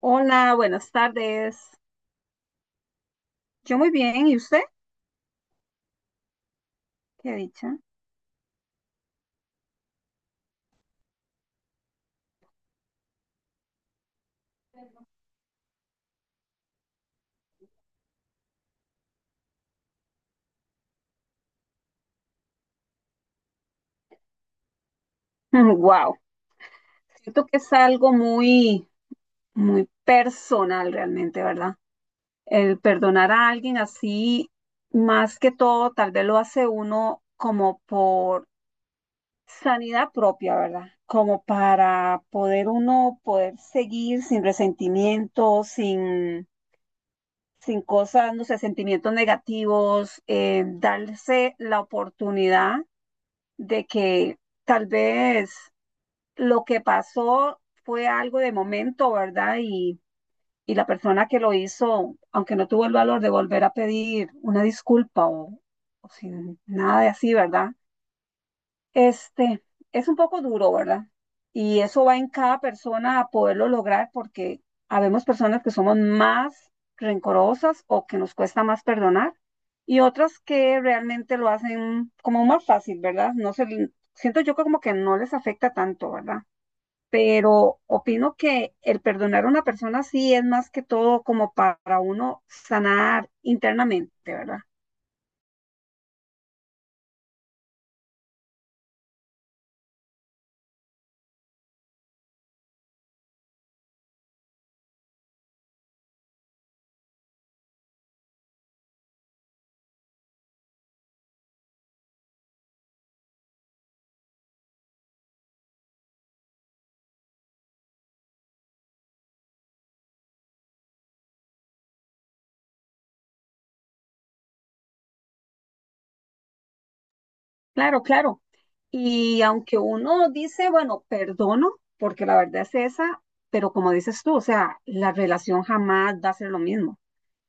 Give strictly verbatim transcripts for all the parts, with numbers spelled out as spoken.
Hola, buenas tardes. Yo muy bien, ¿y usted? Qué dicha. Wow, siento que es algo muy, muy personal realmente, ¿verdad? El perdonar a alguien así, más que todo, tal vez lo hace uno como por sanidad propia, ¿verdad? Como para poder uno poder seguir sin resentimiento, sin, sin cosas, no sé, sentimientos negativos, eh, darse la oportunidad de que tal vez lo que pasó fue algo de momento, ¿verdad? Y, y la persona que lo hizo, aunque no tuvo el valor de volver a pedir una disculpa o, o sin nada de así, ¿verdad? Este, es un poco duro, ¿verdad? Y eso va en cada persona a poderlo lograr porque habemos personas que somos más rencorosas o que nos cuesta más perdonar y otras que realmente lo hacen como más fácil, ¿verdad? No se, siento yo que como que no les afecta tanto, ¿verdad? Pero opino que el perdonar a una persona sí es más que todo como para uno sanar internamente, ¿verdad? Claro, claro. Y aunque uno dice, bueno, perdono, porque la verdad es esa, pero como dices tú, o sea, la relación jamás va a ser lo mismo.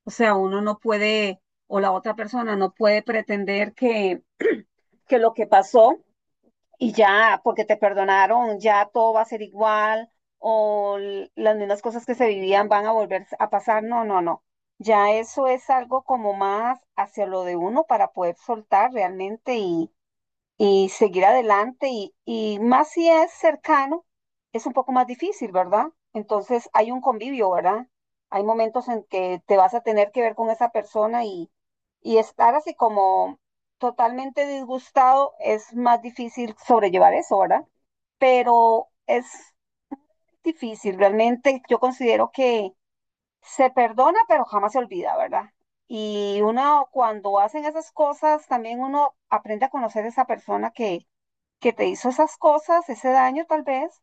O sea, uno no puede, o la otra persona no puede pretender que, que lo que pasó y ya, porque te perdonaron, ya todo va a ser igual, o l- las mismas cosas que se vivían van a volver a pasar. No, no, no. Ya eso es algo como más hacia lo de uno para poder soltar realmente y seguir adelante y, y más si es cercano, es un poco más difícil, ¿verdad? Entonces hay un convivio, ¿verdad? Hay momentos en que te vas a tener que ver con esa persona y, y estar así como totalmente disgustado es más difícil sobrellevar eso, ¿verdad? Pero es difícil, realmente yo considero que se perdona, pero jamás se olvida, ¿verdad? Y uno cuando hacen esas cosas, también uno aprende a conocer a esa persona que, que te hizo esas cosas, ese daño tal vez,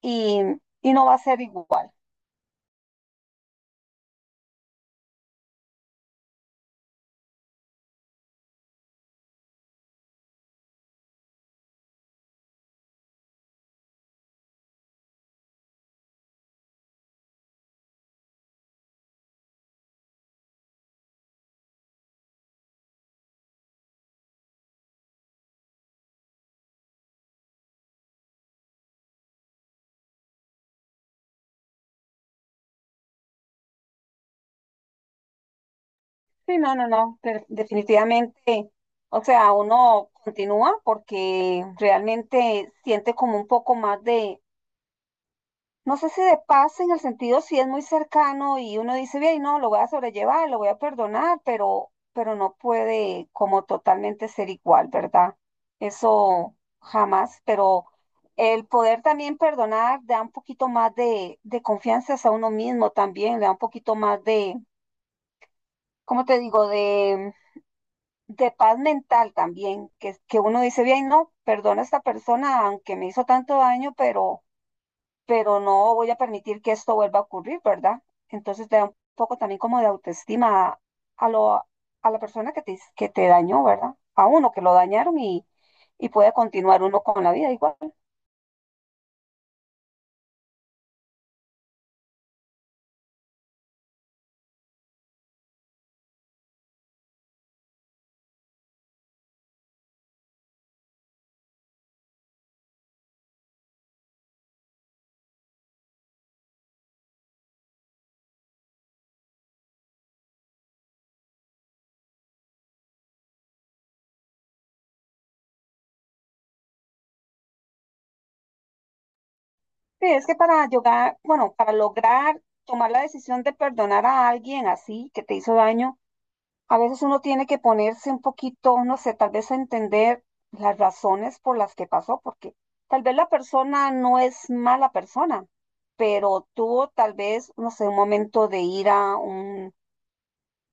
y, y no va a ser igual. Sí, no, no, no, pero definitivamente, o sea, uno continúa porque realmente siente como un poco más de, no sé si de paz en el sentido si es muy cercano y uno dice, bien, no, lo voy a sobrellevar, lo voy a perdonar, pero, pero no puede como totalmente ser igual, ¿verdad? Eso jamás, pero el poder también perdonar da un poquito más de, de confianza a uno mismo también, le da un poquito más de, ¿cómo te digo? De, de paz mental también, que, que uno dice, bien, no, perdono a esta persona aunque me hizo tanto daño, pero pero no voy a permitir que esto vuelva a ocurrir, ¿verdad? Entonces te da un poco también como de autoestima a, a lo, a la persona que te, que te dañó, ¿verdad? A uno que lo dañaron y, y puede continuar uno con la vida igual. Sí, es que para llegar, bueno, para lograr tomar la decisión de perdonar a alguien así que te hizo daño, a veces uno tiene que ponerse un poquito, no sé, tal vez a entender las razones por las que pasó, porque tal vez la persona no es mala persona, pero tuvo tal vez, no sé, un momento de ira, un-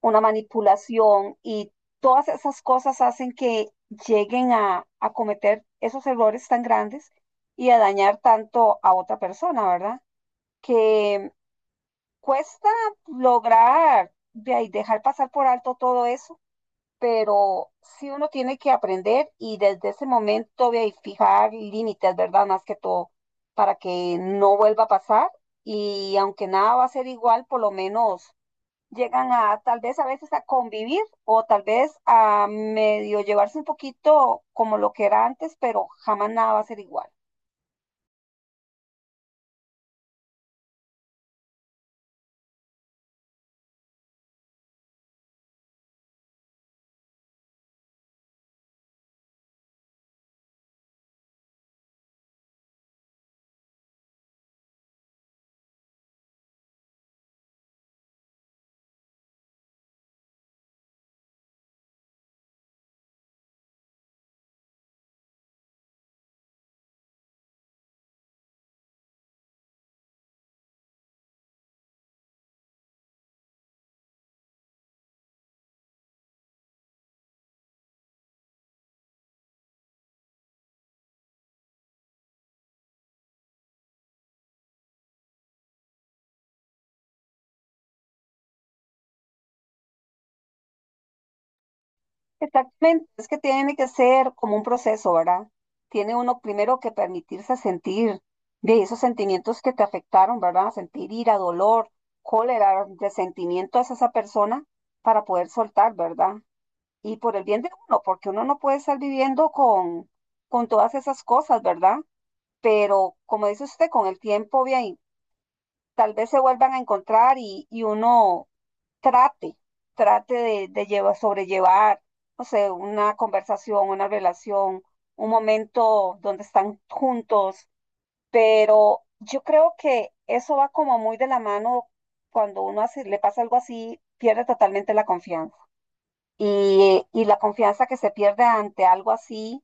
una manipulación y todas esas cosas hacen que lleguen a, a cometer esos errores tan grandes y a dañar tanto a otra persona, ¿verdad? Que cuesta lograr de ahí, dejar pasar por alto todo eso, pero sí uno tiene que aprender y desde ese momento ve, y fijar límites, ¿verdad? Más que todo, para que no vuelva a pasar y aunque nada va a ser igual, por lo menos llegan a tal vez a veces a convivir o tal vez a medio llevarse un poquito como lo que era antes, pero jamás nada va a ser igual. Exactamente, es que tiene que ser como un proceso, ¿verdad? Tiene uno primero que permitirse sentir de esos sentimientos que te afectaron, ¿verdad? Sentir ira, dolor, cólera, resentimiento hacia esa persona para poder soltar, ¿verdad? Y por el bien de uno, porque uno no puede estar viviendo con, con todas esas cosas, ¿verdad? Pero como dice usted, con el tiempo, bien, tal vez se vuelvan a encontrar y, y uno trate, trate de, de llevar, sobrellevar, no sé, una conversación, una relación, un momento donde están juntos, pero yo creo que eso va como muy de la mano cuando uno hace- le pasa algo así, pierde totalmente la confianza. Y, y la confianza que se pierde ante algo así,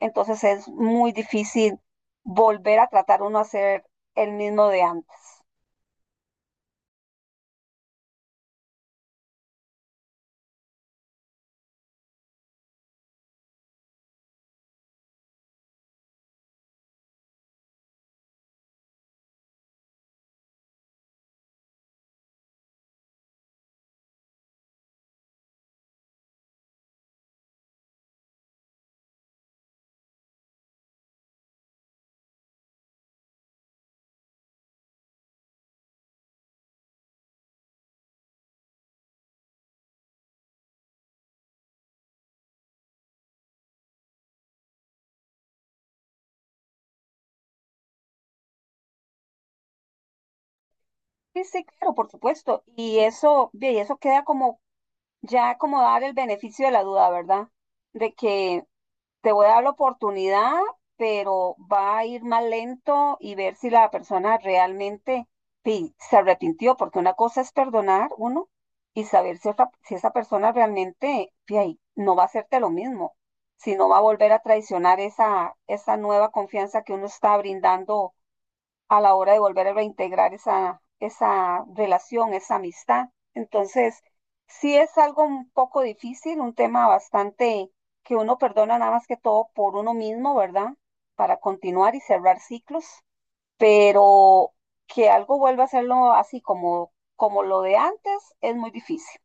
entonces es muy difícil volver a tratar uno a ser el mismo de antes. Sí, sí, claro, por supuesto. Y eso, ve, y eso queda como ya como dar el beneficio de la duda, ¿verdad? De que te voy a dar la oportunidad, pero va a ir más lento y ver si la persona realmente sí, se arrepintió, porque una cosa es perdonar uno y saber si, otra- si esa persona realmente sí, ahí, no va a hacerte lo mismo, si no va a volver a traicionar esa, esa nueva confianza que uno está brindando a la hora de volver a reintegrar esa, esa relación, esa amistad. Entonces, sí es algo un poco difícil, un tema bastante que uno perdona nada más que todo por uno mismo, ¿verdad? Para continuar y cerrar ciclos, pero que algo vuelva a hacerlo así como, como lo de antes es muy difícil.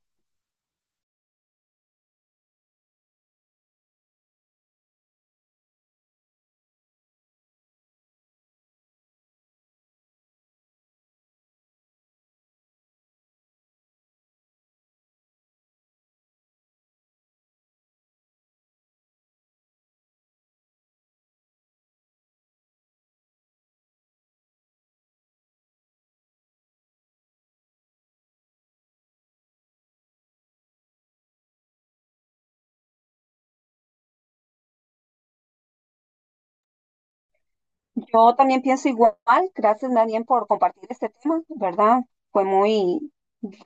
Yo también pienso igual. Gracias, Daniel, por compartir este tema, ¿verdad? Fue muy,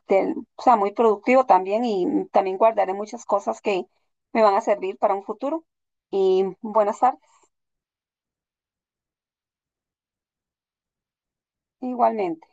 del- o sea, muy productivo también y también guardaré muchas cosas que me van a servir para un futuro. Y buenas tardes, igualmente.